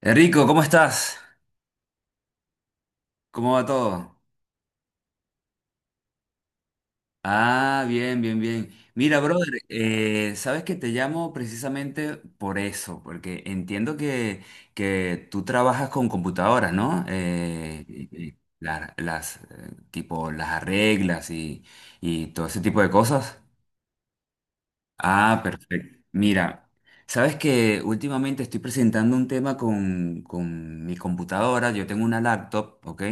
Enrico, ¿cómo estás? ¿Cómo va todo? Ah, bien, bien, bien. Mira, brother, sabes que te llamo precisamente por eso, porque entiendo que tú trabajas con computadoras, ¿no? Y las, tipo, las arreglas y todo ese tipo de cosas. Ah, perfecto. Mira, sabes que últimamente estoy presentando un tema con mi computadora. Yo tengo una laptop, ¿ok?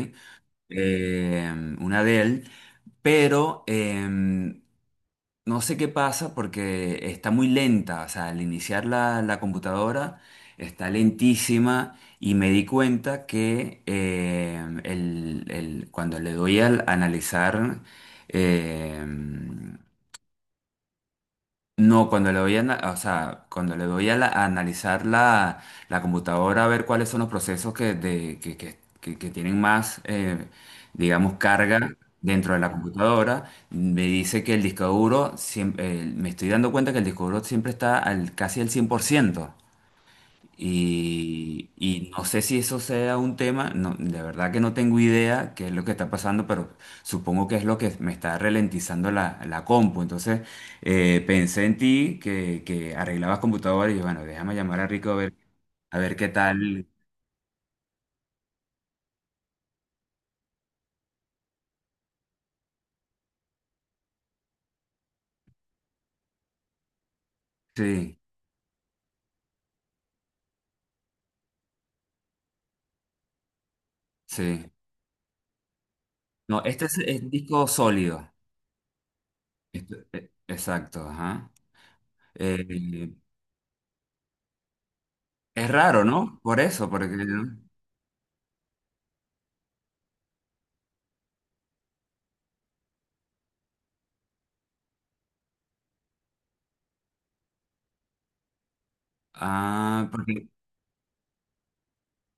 Eh, una Dell. Pero no sé qué pasa porque está muy lenta, o sea, al iniciar la, la computadora está lentísima y me di cuenta que cuando le doy al analizar, em, no, cuando le voy a, o sea, cuando le voy a, a analizar la, la computadora, a ver cuáles son los procesos que, que, que tienen más, digamos, carga dentro de la computadora, me dice que el disco duro, me estoy dando cuenta que el disco duro siempre está al, casi al 100%. Y no sé si eso sea un tema, no, de verdad que no tengo idea qué es lo que está pasando, pero supongo que es lo que me está ralentizando la, la compu. Entonces pensé en ti que arreglabas computadoras y yo, bueno, déjame llamar a Rico a ver qué tal. Sí, sí. No, este es disco sólido. Exacto, ajá. Eh, es raro, ¿no? Por eso, porque... ¿no? Ah, porque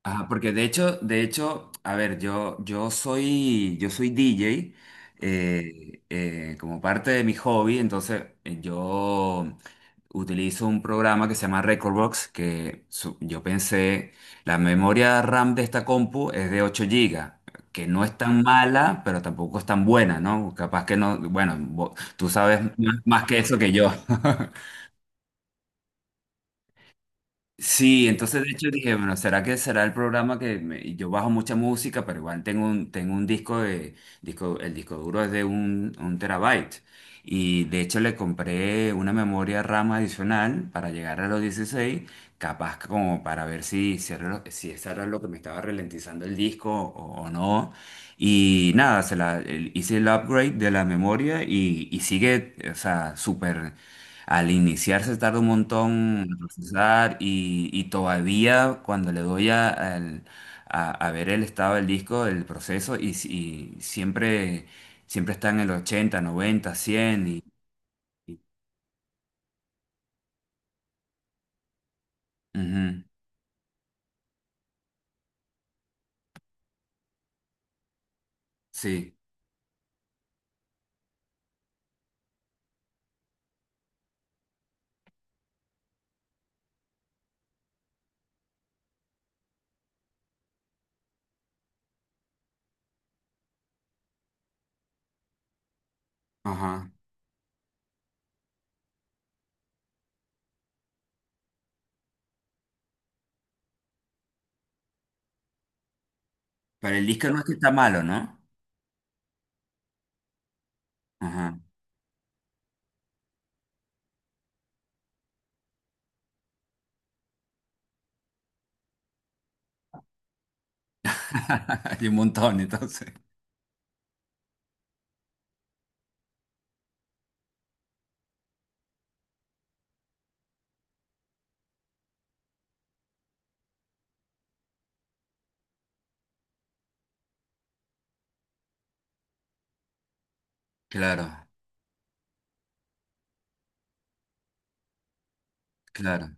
ajá, porque de hecho, a ver, yo, yo soy DJ, como parte de mi hobby, entonces yo utilizo un programa que se llama Recordbox, que yo pensé, la memoria RAM de esta compu es de 8 gigas, que no es tan mala, pero tampoco es tan buena, ¿no? Capaz que no, bueno, tú sabes más más que eso que yo. Sí, entonces de hecho dije, bueno, ¿será que será el programa que y yo bajo mucha música, pero igual tengo un disco de, disco, el disco duro es de un, 1 terabyte. Y de hecho le compré una memoria RAM adicional para llegar a los 16, capaz como para ver si, si, era lo, si eso era lo que me estaba ralentizando el disco o no. Y nada, se la, hice el upgrade de la memoria y sigue, o sea, súper al iniciar se tarda un montón en procesar y todavía cuando le doy a, a ver el estado del disco, el proceso, y, y siempre, siempre está en el 80, 90, 100 y- ujú, sí, ajá. Pero el disco no es que está malo, ¿no? Ajá. Hay un montón, entonces. Claro, claro.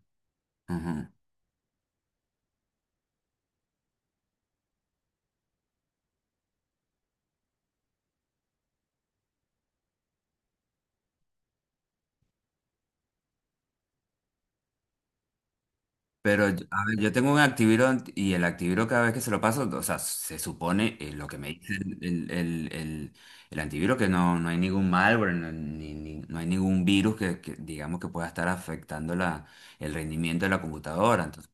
Ujú. Pero, yo- a ver, yo tengo un Activiro y el Activiro cada vez que se lo paso, o sea, se supone lo que me dice el antiviro, que no, no hay ningún malware, no, no hay ningún virus que, digamos que pueda estar afectando la, el rendimiento de la computadora. Entonces,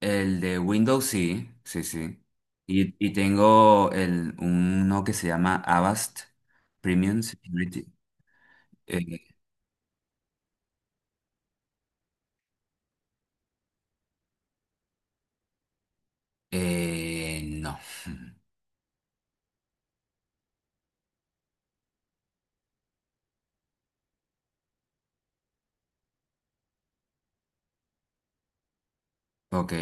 el de Windows sí, sí, sí. Y tengo el, uno que se llama Avast Premium Security. Eh, no. Ok.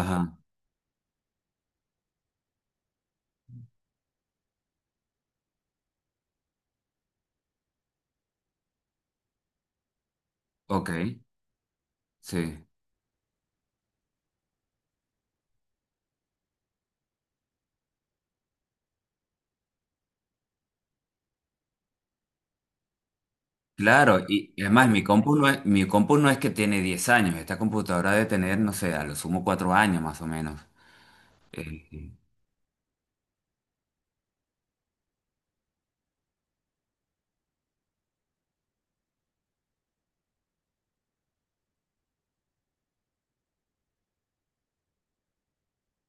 Ajá. Ok. Sí. Claro, y además mi compu no es, mi compu no es que tiene 10 años, esta computadora debe tener, no sé, a lo sumo 4 años más o menos. Eh, eh,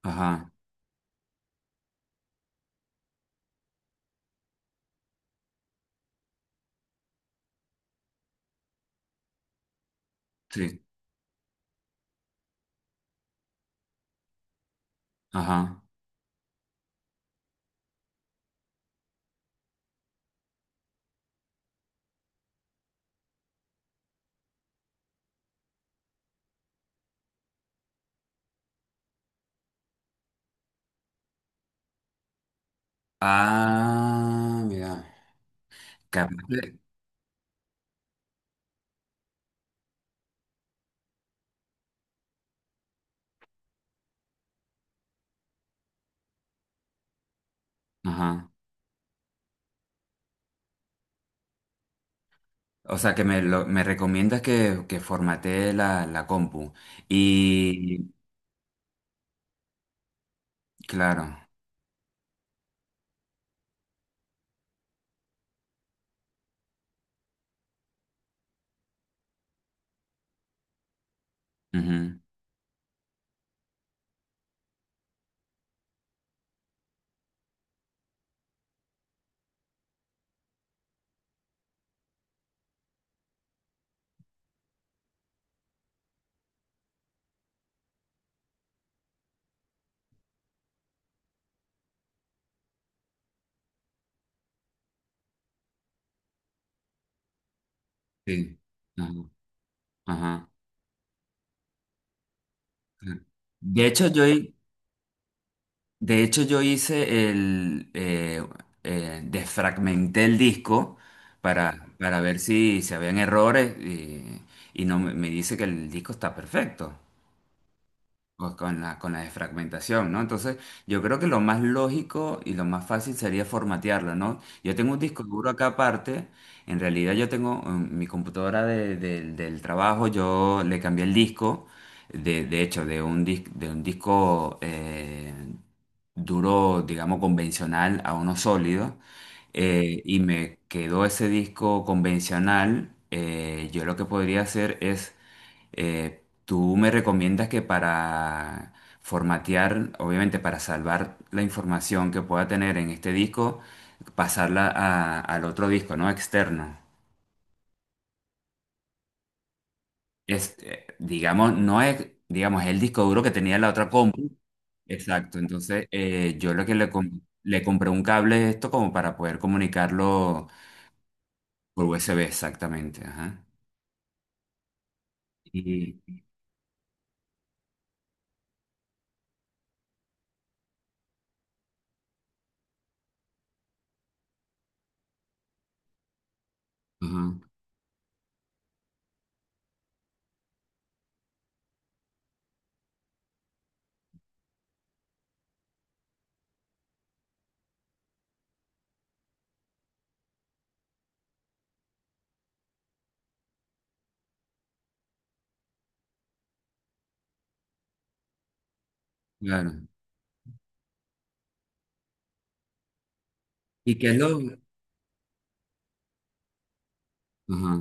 ajá, sí, ajá. Ah, mira, capaz de- ajá. O sea, que me, me recomiendas que formatee la, la compu. Y, claro, ujú, sí, ajá, ajá. De hecho, yo, de hecho, yo hice el... desfragmenté el disco para ver si, si habían errores y no me me dice que el disco está perfecto pues, con la desfragmentación, ¿no? Entonces, yo creo que lo más lógico y lo más fácil sería formatearlo, ¿no? Yo tengo un disco duro acá aparte. En realidad yo tengo mi computadora del del trabajo, yo le cambié el disco. De hecho, de un, de un disco duro, digamos, convencional a uno sólido. Eh, y me quedó ese disco convencional. Yo lo que podría hacer es, tú me recomiendas que para formatear, obviamente para salvar la información que pueda tener en este disco, pasarla al otro disco, ¿no? Externo. Este, digamos, no es, digamos, es el disco duro que tenía la otra compu. Exacto, entonces yo lo que le, le compré un cable de esto como para poder comunicarlo por USB, exactamente, ajá. Y, ajá, claro. ¿Y qué es lo, ajá?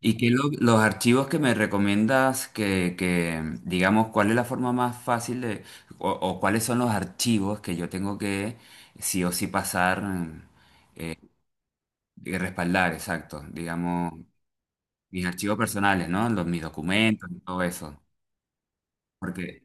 ¿Y qué los archivos que me recomiendas que, digamos, cuál es la forma más fácil de, o cuáles son los archivos que yo tengo que sí o sí pasar, respaldar, exacto, digamos? Mis archivos personales, ¿no? Los, mis documentos y todo eso. Porque,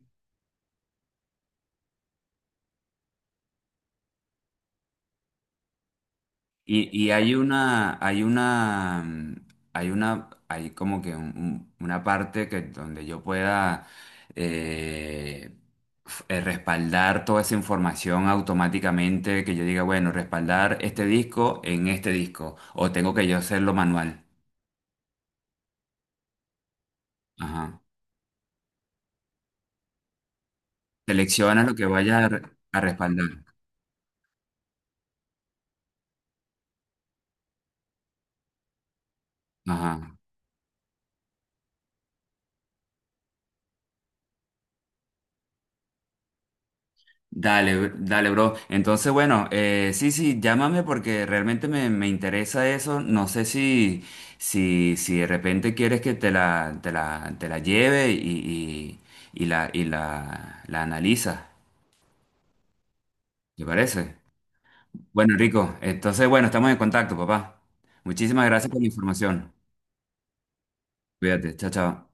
y hay una, hay una, hay una, hay como que una parte que donde yo pueda eh, respaldar toda esa información automáticamente, que yo diga, bueno, respaldar este disco en este disco, o tengo que yo hacerlo manual. Ajá. Selecciona lo que vaya a, a respaldar. Ajá. Dale, dale, bro. Entonces, bueno, sí, sí, llámame porque realmente me, me interesa eso. No sé si, si, si de repente quieres que te la, te la, te la lleve y la, la analiza. ¿Te parece? Bueno, Rico, entonces, bueno, estamos en contacto, papá. Muchísimas gracias por la información. Cuídate, chao, chao.